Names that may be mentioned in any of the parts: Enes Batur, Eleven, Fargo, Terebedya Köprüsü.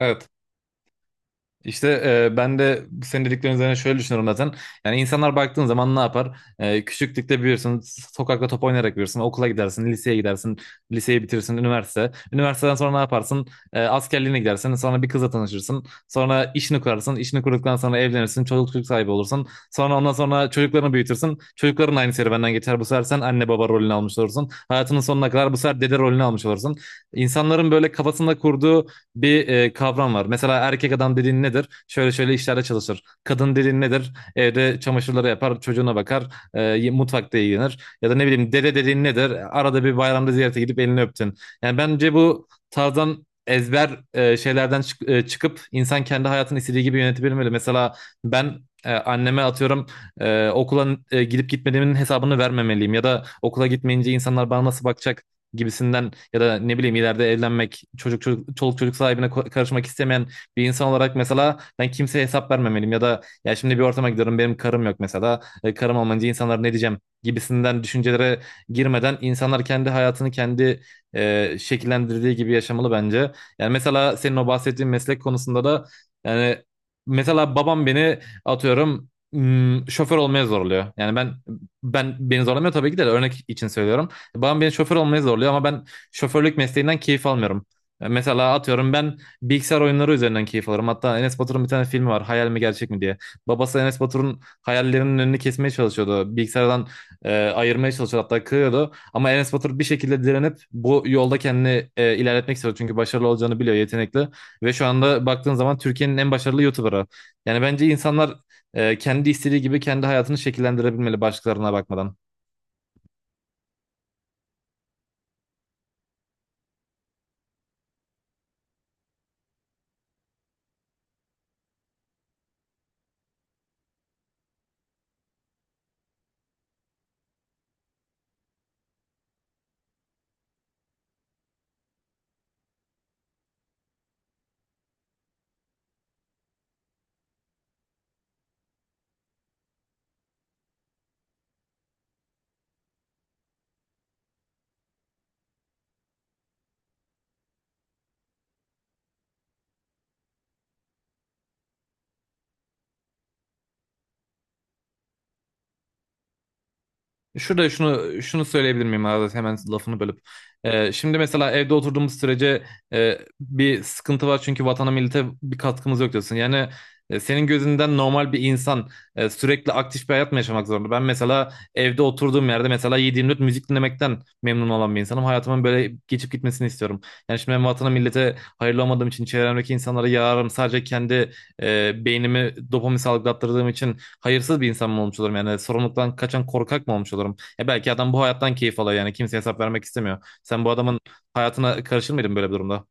Evet. İşte ben de senin dediklerin üzerine şöyle düşünüyorum zaten. Yani insanlar baktığın zaman ne yapar? Küçüklükte büyürsün, sokakta top oynayarak büyürsün, okula gidersin, liseye gidersin, liseyi bitirirsin, üniversite. Üniversiteden sonra ne yaparsın? Askerliğine gidersin, sonra bir kızla tanışırsın, sonra işini kurarsın, işini kurduktan sonra evlenirsin, çocuk sahibi olursun. Sonra ondan sonra çocuklarını büyütürsün, çocukların aynı serüvenden geçer. Bu sefer sen anne baba rolünü almış olursun. Hayatının sonuna kadar bu sefer dede rolünü almış olursun. İnsanların böyle kafasında kurduğu bir kavram var. Mesela erkek adam dediğin nedir? Şöyle şöyle işlerde çalışır. Kadın dediğin nedir? Evde çamaşırları yapar, çocuğuna bakar, mutfakta ilgilenir. Ya da ne bileyim dede dediğin nedir? Arada bir bayramda ziyarete gidip elini öptün. Yani bence bu tarzdan ezber şeylerden çıkıp insan kendi hayatını istediği gibi yönetebilmeli. Mesela ben anneme atıyorum okula gidip gitmediğimin hesabını vermemeliyim, ya da okula gitmeyince insanlar bana nasıl bakacak gibisinden, ya da ne bileyim ileride evlenmek, çocuk çocuk çoluk çocuk sahibine karışmak istemeyen bir insan olarak mesela ben kimseye hesap vermemeliyim, ya da ya şimdi bir ortama gidiyorum, benim karım yok mesela. Karım olmayınca insanlar ne diyeceğim gibisinden düşüncelere girmeden insanlar kendi hayatını kendi şekillendirdiği gibi yaşamalı bence. Yani mesela senin o bahsettiğin meslek konusunda da, yani mesela babam beni atıyorum, şoför olmaya zorluyor. Yani beni zorlamıyor, tabii ki de örnek için söylüyorum. Babam beni şoför olmaya zorluyor, ama ben şoförlük mesleğinden keyif almıyorum. Mesela atıyorum ben bilgisayar oyunları üzerinden keyif alırım. Hatta Enes Batur'un bir tane filmi var. Hayal mi gerçek mi diye. Babası Enes Batur'un hayallerinin önünü kesmeye çalışıyordu. Bilgisayardan ayırmaya çalışıyordu, hatta kırıyordu. Ama Enes Batur bir şekilde direnip bu yolda kendini ilerletmek istiyor. Çünkü başarılı olacağını biliyor, yetenekli. Ve şu anda baktığın zaman Türkiye'nin en başarılı YouTuber'ı. Yani bence insanlar kendi istediği gibi kendi hayatını şekillendirebilmeli, başkalarına bakmadan. Şurada şunu söyleyebilir miyim Azat, hemen lafını bölüp? Şimdi mesela evde oturduğumuz sürece bir sıkıntı var çünkü vatana millete bir katkımız yok diyorsun. Yani senin gözünden normal bir insan sürekli aktif bir hayat mı yaşamak zorunda? Ben mesela evde oturduğum yerde mesela 7/24 müzik dinlemekten memnun olan bir insanım. Hayatımın böyle geçip gitmesini istiyorum. Yani şimdi ben vatana millete hayırlı olmadığım için çevremdeki insanlara yararım. Sadece kendi beynimi dopamin salgılattırdığım için hayırsız bir insan mı olmuş olurum? Yani sorumluluktan kaçan korkak mı olmuş olurum? Ya belki adam bu hayattan keyif alıyor, yani kimseye hesap vermek istemiyor. Sen bu adamın hayatına karışır mıydın böyle bir durumda?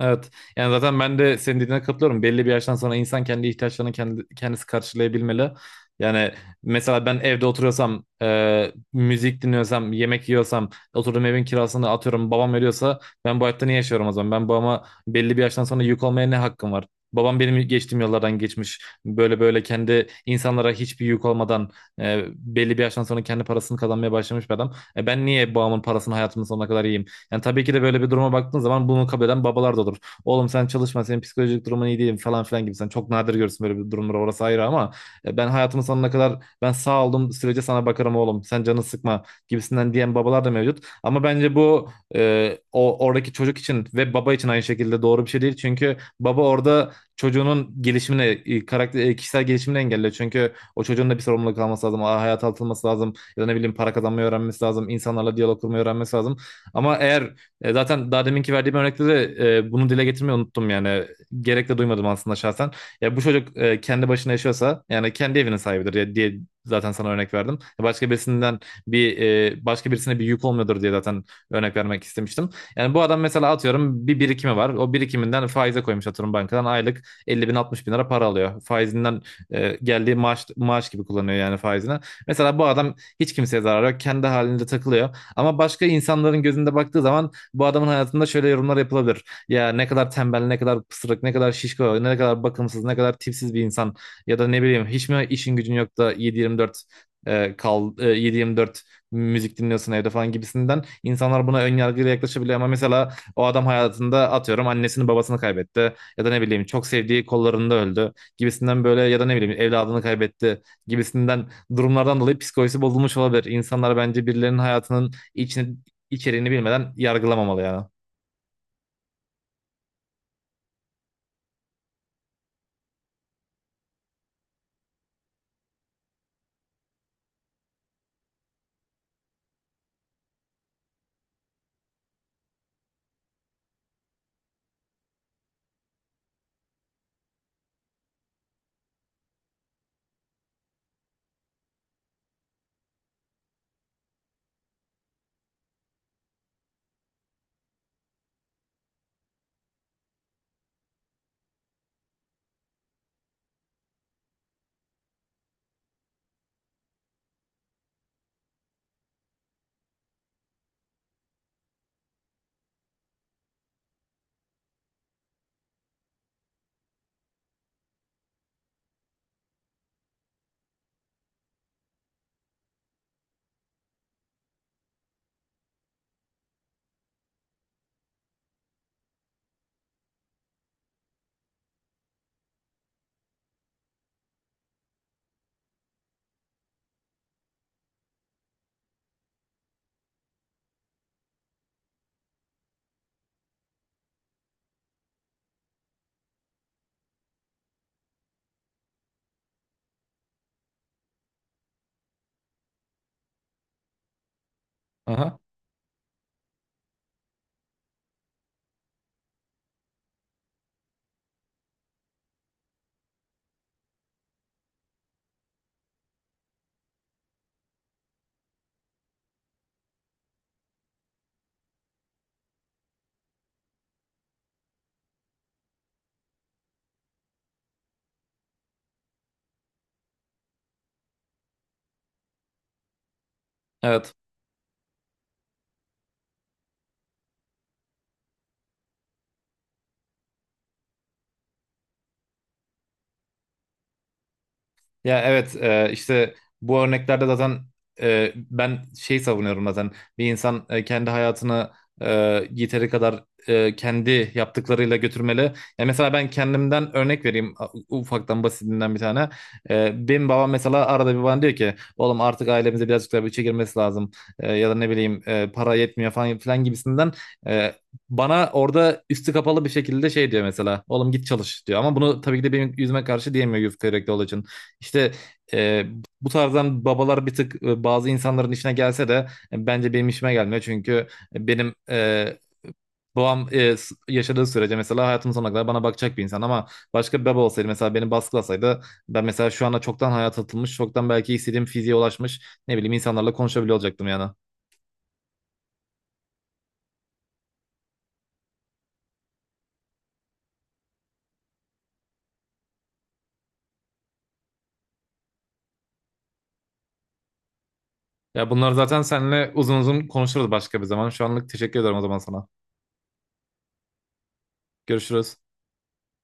Evet. Yani zaten ben de senin dediğine katılıyorum. Belli bir yaştan sonra insan kendi ihtiyaçlarını kendi, kendisi karşılayabilmeli. Yani mesela ben evde oturuyorsam, müzik dinliyorsam, yemek yiyorsam, oturduğum evin kirasını atıyorum, babam veriyorsa, ben bu hayatta niye yaşıyorum o zaman? Ben babama belli bir yaştan sonra yük olmaya ne hakkım var? Babam benim geçtiğim yollardan geçmiş. Böyle böyle kendi insanlara hiçbir yük olmadan, belli bir yaştan sonra kendi parasını kazanmaya başlamış bir adam. Ben niye babamın parasını hayatımın sonuna kadar yiyeyim? Yani tabii ki de böyle bir duruma baktığın zaman bunu kabul eden babalar da olur. Oğlum sen çalışma, senin psikolojik durumun iyi değil falan filan gibi. Sen çok nadir görürsün böyle bir durumları, orası ayrı, ama ben hayatımın sonuna kadar, ben sağ olduğum sürece sana bakarım oğlum. Sen canını sıkma gibisinden diyen babalar da mevcut. Ama bence bu o oradaki çocuk için ve baba için aynı şekilde doğru bir şey değil. Çünkü baba orada çocuğunun gelişimine, karakter, kişisel gelişimini engelliyor. Çünkü o çocuğun da bir sorumluluk alması lazım, hayata atılması lazım, ya da ne bileyim para kazanmayı öğrenmesi lazım, İnsanlarla diyalog kurmayı öğrenmesi lazım. Ama eğer zaten daha deminki verdiğim örnekte de bunu dile getirmeyi unuttum yani. Gerek de duymadım aslında şahsen. Ya bu çocuk kendi başına yaşıyorsa, yani kendi evinin sahibidir ya, diye zaten sana örnek verdim. Başka birisinden bir, başka birisine bir yük olmuyordur diye zaten örnek vermek istemiştim. Yani bu adam mesela atıyorum bir birikimi var. O birikiminden faize koymuş, atıyorum bankadan aylık 50 bin 60 bin lira para alıyor. Faizinden geldiği maaş gibi kullanıyor yani faizini. Mesela bu adam hiç kimseye zarar yok. Kendi halinde takılıyor. Ama başka insanların gözünde baktığı zaman bu adamın hayatında şöyle yorumlar yapılabilir. Ya ne kadar tembel, ne kadar pısırık, ne kadar şişko, ne kadar bakımsız, ne kadar tipsiz bir insan. Ya da ne bileyim hiç mi işin gücün yok da 7-24 7/24 müzik dinliyorsun evde falan gibisinden insanlar buna ön yargıyla yaklaşabiliyor, ama mesela o adam hayatında atıyorum annesini babasını kaybetti, ya da ne bileyim çok sevdiği kollarında öldü gibisinden, böyle ya da ne bileyim evladını kaybetti gibisinden durumlardan dolayı psikolojisi bozulmuş olabilir. İnsanlar bence birilerinin hayatının İçini, içeriğini bilmeden yargılamamalı yani. Aha. Evet. Ya evet, işte bu örneklerde zaten ben şey savunuyorum zaten, bir insan kendi hayatını e, yeteri kadar kendi yaptıklarıyla götürmeli. Ya mesela ben kendimden örnek vereyim, ufaktan basitinden bir tane. Benim babam mesela arada bir bana diyor ki, oğlum artık ailemize birazcık daha bütçe girmesi lazım, ya da ne bileyim para yetmiyor falan filan gibisinden. E, Bana orada üstü kapalı bir şekilde şey diyor, mesela oğlum git çalış diyor, ama bunu tabii ki de benim yüzüme karşı diyemiyor yufka yürekli olduğu için. İşte, e, bu tarzdan babalar bir tık bazı insanların işine gelse de bence benim işime gelmiyor. Çünkü benim babam yaşadığı sürece, mesela hayatımın sonuna kadar bana bakacak bir insan, ama başka bir baba olsaydı, mesela beni baskılasaydı, ben mesela şu anda çoktan hayata atılmış, çoktan belki istediğim fiziğe ulaşmış, ne bileyim insanlarla konuşabiliyor olacaktım yani. Ya bunlar zaten seninle uzun uzun konuşuruz başka bir zaman. Şu anlık teşekkür ederim o zaman sana. Görüşürüz.